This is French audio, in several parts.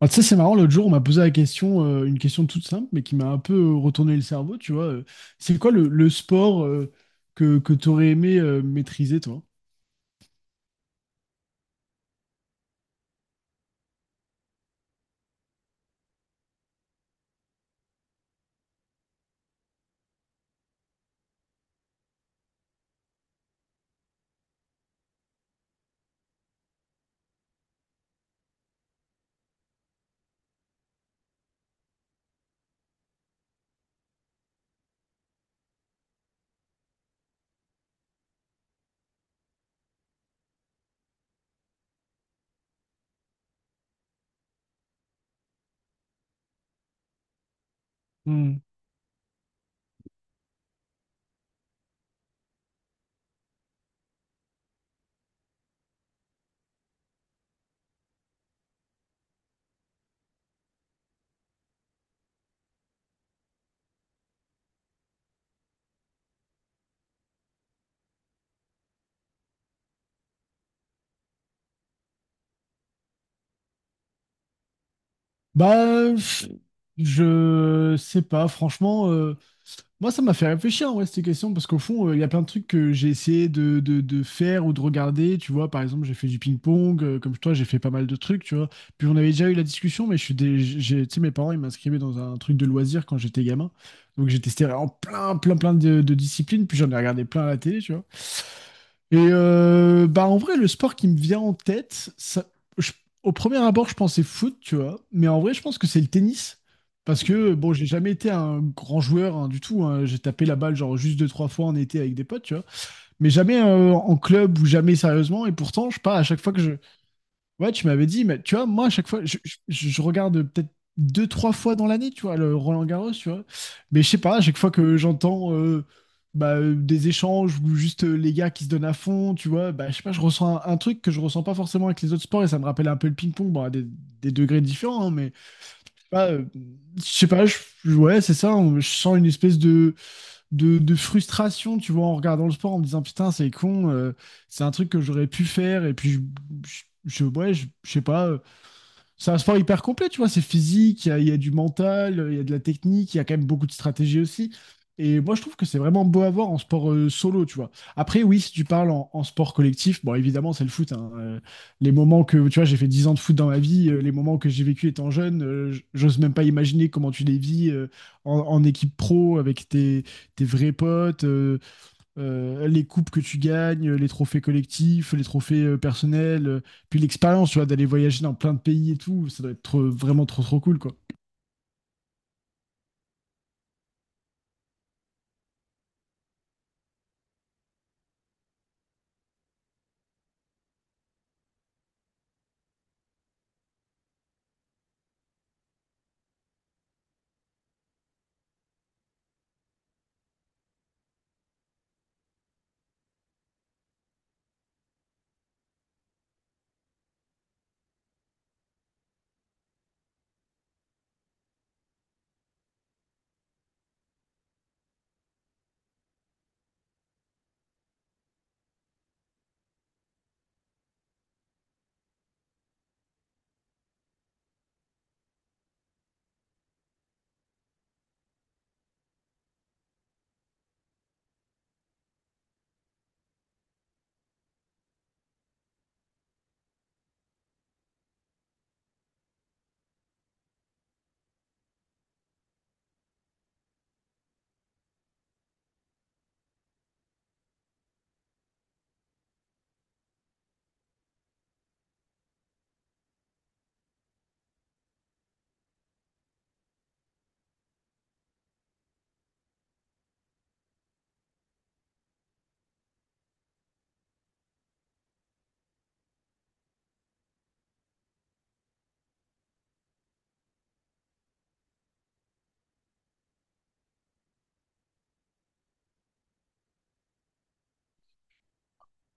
Ah, tu sais, c'est marrant, l'autre jour, on m'a posé la question, une question toute simple, mais qui m'a un peu retourné le cerveau, tu vois. C'est quoi le sport que tu aurais aimé maîtriser, toi? Hmm. Bah, pff, je sais pas, franchement, moi, ça m'a fait réfléchir, ouais, ces questions, parce qu'au fond, il y a plein de trucs que j'ai essayé de faire ou de regarder. Tu vois, par exemple, j'ai fait du ping-pong, comme toi, j'ai fait pas mal de trucs, tu vois. Puis on avait déjà eu la discussion, mais j'ai, tu sais, mes parents, ils m'inscrivaient dans un truc de loisirs quand j'étais gamin. Donc j'ai testé en plein, plein, plein de disciplines, puis j'en ai regardé plein à la télé, tu vois. Et bah en vrai, le sport qui me vient en tête, je- au premier abord, je pensais foot, tu vois, mais en vrai, je pense que c'est le tennis. Parce que, bon, j'ai jamais été un grand joueur, hein, du tout, hein. J'ai tapé la balle, genre, juste deux, trois fois en été avec des potes, tu vois. Mais jamais en club ou jamais sérieusement. Et pourtant, je sais pas, à chaque fois ouais, tu m'avais dit, mais tu vois, moi, à chaque fois, je regarde peut-être deux, trois fois dans l'année, tu vois, le Roland Garros, tu vois. Mais je sais pas, à chaque fois que j'entends bah, des échanges ou juste les gars qui se donnent à fond, tu vois, bah, je sais pas, je ressens un truc que je ressens pas forcément avec les autres sports et ça me rappelle un peu le ping-pong, bon, à des degrés différents, hein, mais je sais pas, euh, je sais pas, ouais, c'est ça, je sens une espèce de de frustration, tu vois, en regardant le sport, en me disant putain, c'est con, c'est un truc que j'aurais pu faire, et puis ouais, je sais pas, c'est un sport hyper complet, tu vois. C'est physique, il y a du mental, il y a de la technique, il y a quand même beaucoup de stratégie aussi. Et moi, je trouve que c'est vraiment beau à voir en sport solo, tu vois. Après, oui, si tu parles en sport collectif, bon, évidemment, c'est le foot, hein. Les moments que, tu vois, j'ai fait 10 ans de foot dans ma vie, les moments que j'ai vécu étant jeune, j'ose même pas imaginer comment tu les vis en équipe pro avec tes, tes vrais potes, les coupes que tu gagnes, les trophées collectifs, les trophées personnels, puis l'expérience, tu vois, d'aller voyager dans plein de pays et tout, ça doit être vraiment trop trop cool, quoi.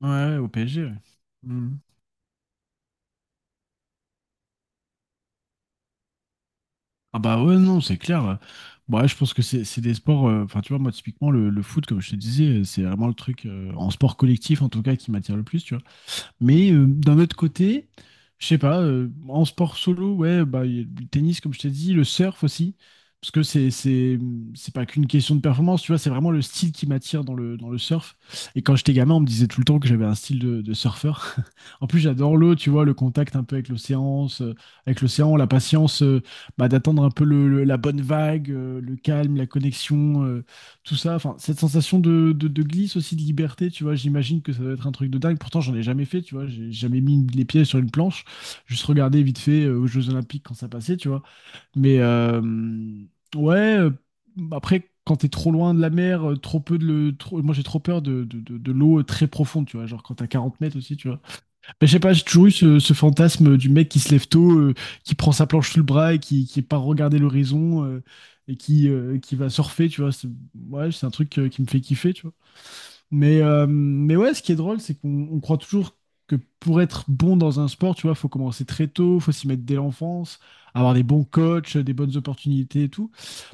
Ouais, ouais, au PSG, ouais. Mhm. Ah bah ouais, non, c'est clair. Bon, ouais, je pense que c'est des sports, enfin tu vois, moi typiquement le foot, comme je te disais, c'est vraiment le truc en sport collectif en tout cas qui m'attire le plus, tu vois. Mais d'un autre côté, je sais pas, en sport solo, ouais, bah, il y a le tennis, comme je t'ai dit, le surf aussi, parce que c'est pas qu'une question de performance, tu vois, c'est vraiment le style qui m'attire dans dans le surf. Et quand j'étais gamin, on me disait tout le temps que j'avais un style de surfeur. En plus, j'adore l'eau, tu vois, le contact un peu avec l'océan, la patience, bah, d'attendre un peu la bonne vague, le calme, la connexion. Tout ça, enfin, cette sensation de glisse aussi, de liberté, tu vois, j'imagine que ça doit être un truc de dingue. Pourtant, j'en ai jamais fait, tu vois, j'ai jamais mis les pieds sur une planche, juste regarder vite fait aux Jeux Olympiques quand ça passait, tu vois. Mais euh, ouais, euh, Après, quand t'es trop loin de la mer, trop peu de le, trop- moi j'ai trop peur de l'eau très profonde, tu vois, genre quand t'as 40 mètres aussi, tu vois. Mais je sais pas, j'ai toujours eu ce fantasme du mec qui se lève tôt, qui prend sa planche sous le bras et qui part regarder l'horizon et qui va surfer, tu vois. C'est, ouais, c'est un truc qui me fait kiffer, tu vois. Mais ouais, ce qui est drôle, c'est qu'on croit toujours que pour être bon dans un sport, tu vois, faut commencer très tôt, faut s'y mettre dès l'enfance, avoir des bons coachs, des bonnes opportunités et tout.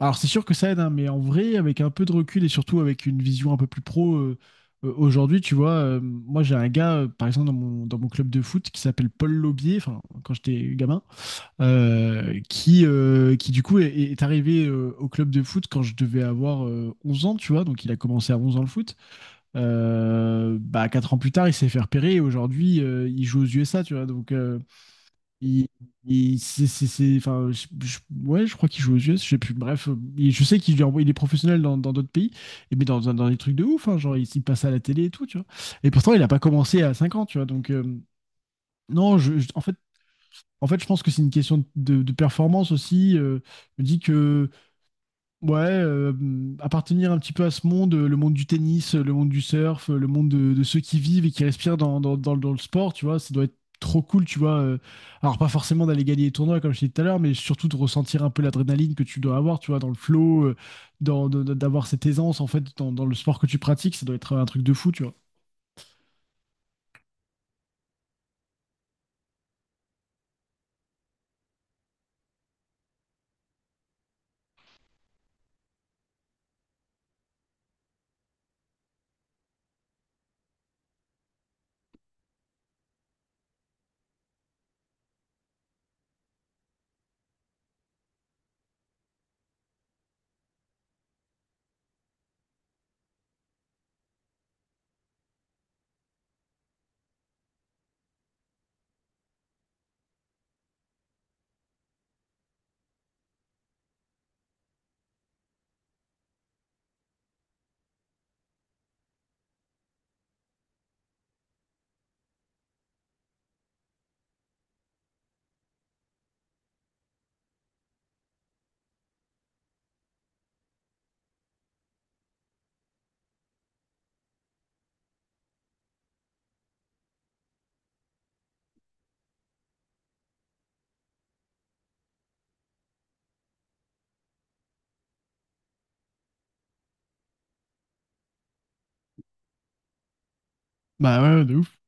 Alors c'est sûr que ça aide, hein, mais en vrai, avec un peu de recul et surtout avec une vision un peu plus pro aujourd'hui, tu vois, moi j'ai un gars, par exemple, dans mon club de foot qui s'appelle Paul Laubier, enfin, quand j'étais gamin, qui du coup est arrivé au club de foot quand je devais avoir 11 ans, tu vois, donc il a commencé à 11 ans le foot. Bah, quatre ans plus tard, il s'est fait repérer et aujourd'hui, il joue aux USA, tu vois. Donc, il, enfin, ouais, je crois qu'il joue aux USA, je sais plus. Bref, je sais il est professionnel dans dans d'autres pays, et- mais dans des trucs de ouf, hein, genre, il passe à la télé et tout, tu vois. Et pourtant, il n'a pas commencé à 5 ans, tu vois. Donc, non, je- en fait, je pense que c'est une question de performance aussi. Je me dis que ouais, appartenir un petit peu à ce monde, le monde du tennis, le monde du surf, le monde de ceux qui vivent et qui respirent dans le sport, tu vois, ça doit être trop cool, tu vois. Alors, pas forcément d'aller gagner les tournois, comme je t'ai dit tout à l'heure, mais surtout de ressentir un peu l'adrénaline que tu dois avoir, tu vois, dans le flow, dans, d'avoir cette aisance, en fait, dans le sport que tu pratiques, ça doit être un truc de fou, tu vois. Bah ouais, de ouf.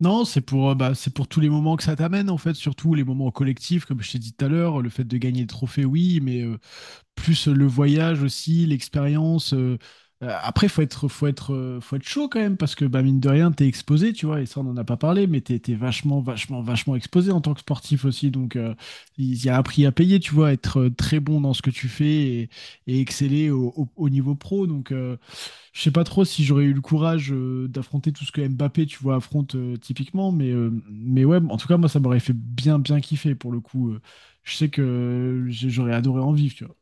Non, c'est pour, bah, c'est pour tous les moments que ça t'amène, en fait, surtout les moments collectifs, comme je t'ai dit tout à l'heure, le fait de gagner le trophée, oui, mais. Plus le voyage aussi, l'expérience. Après, faut être chaud quand même parce que bah, mine de rien, t'es exposé, tu vois. Et ça, on n'en a pas parlé, mais t'es, t'es vachement, vachement, vachement exposé en tant que sportif aussi. Donc, il y a un prix à payer, tu vois, être très bon dans ce que tu fais et exceller au niveau pro. Donc, je sais pas trop si j'aurais eu le courage d'affronter tout ce que Mbappé, tu vois, affronte typiquement. Mais ouais, en tout cas, moi, ça m'aurait fait bien, bien kiffer pour le coup. Je sais que j'aurais adoré en vivre, tu vois.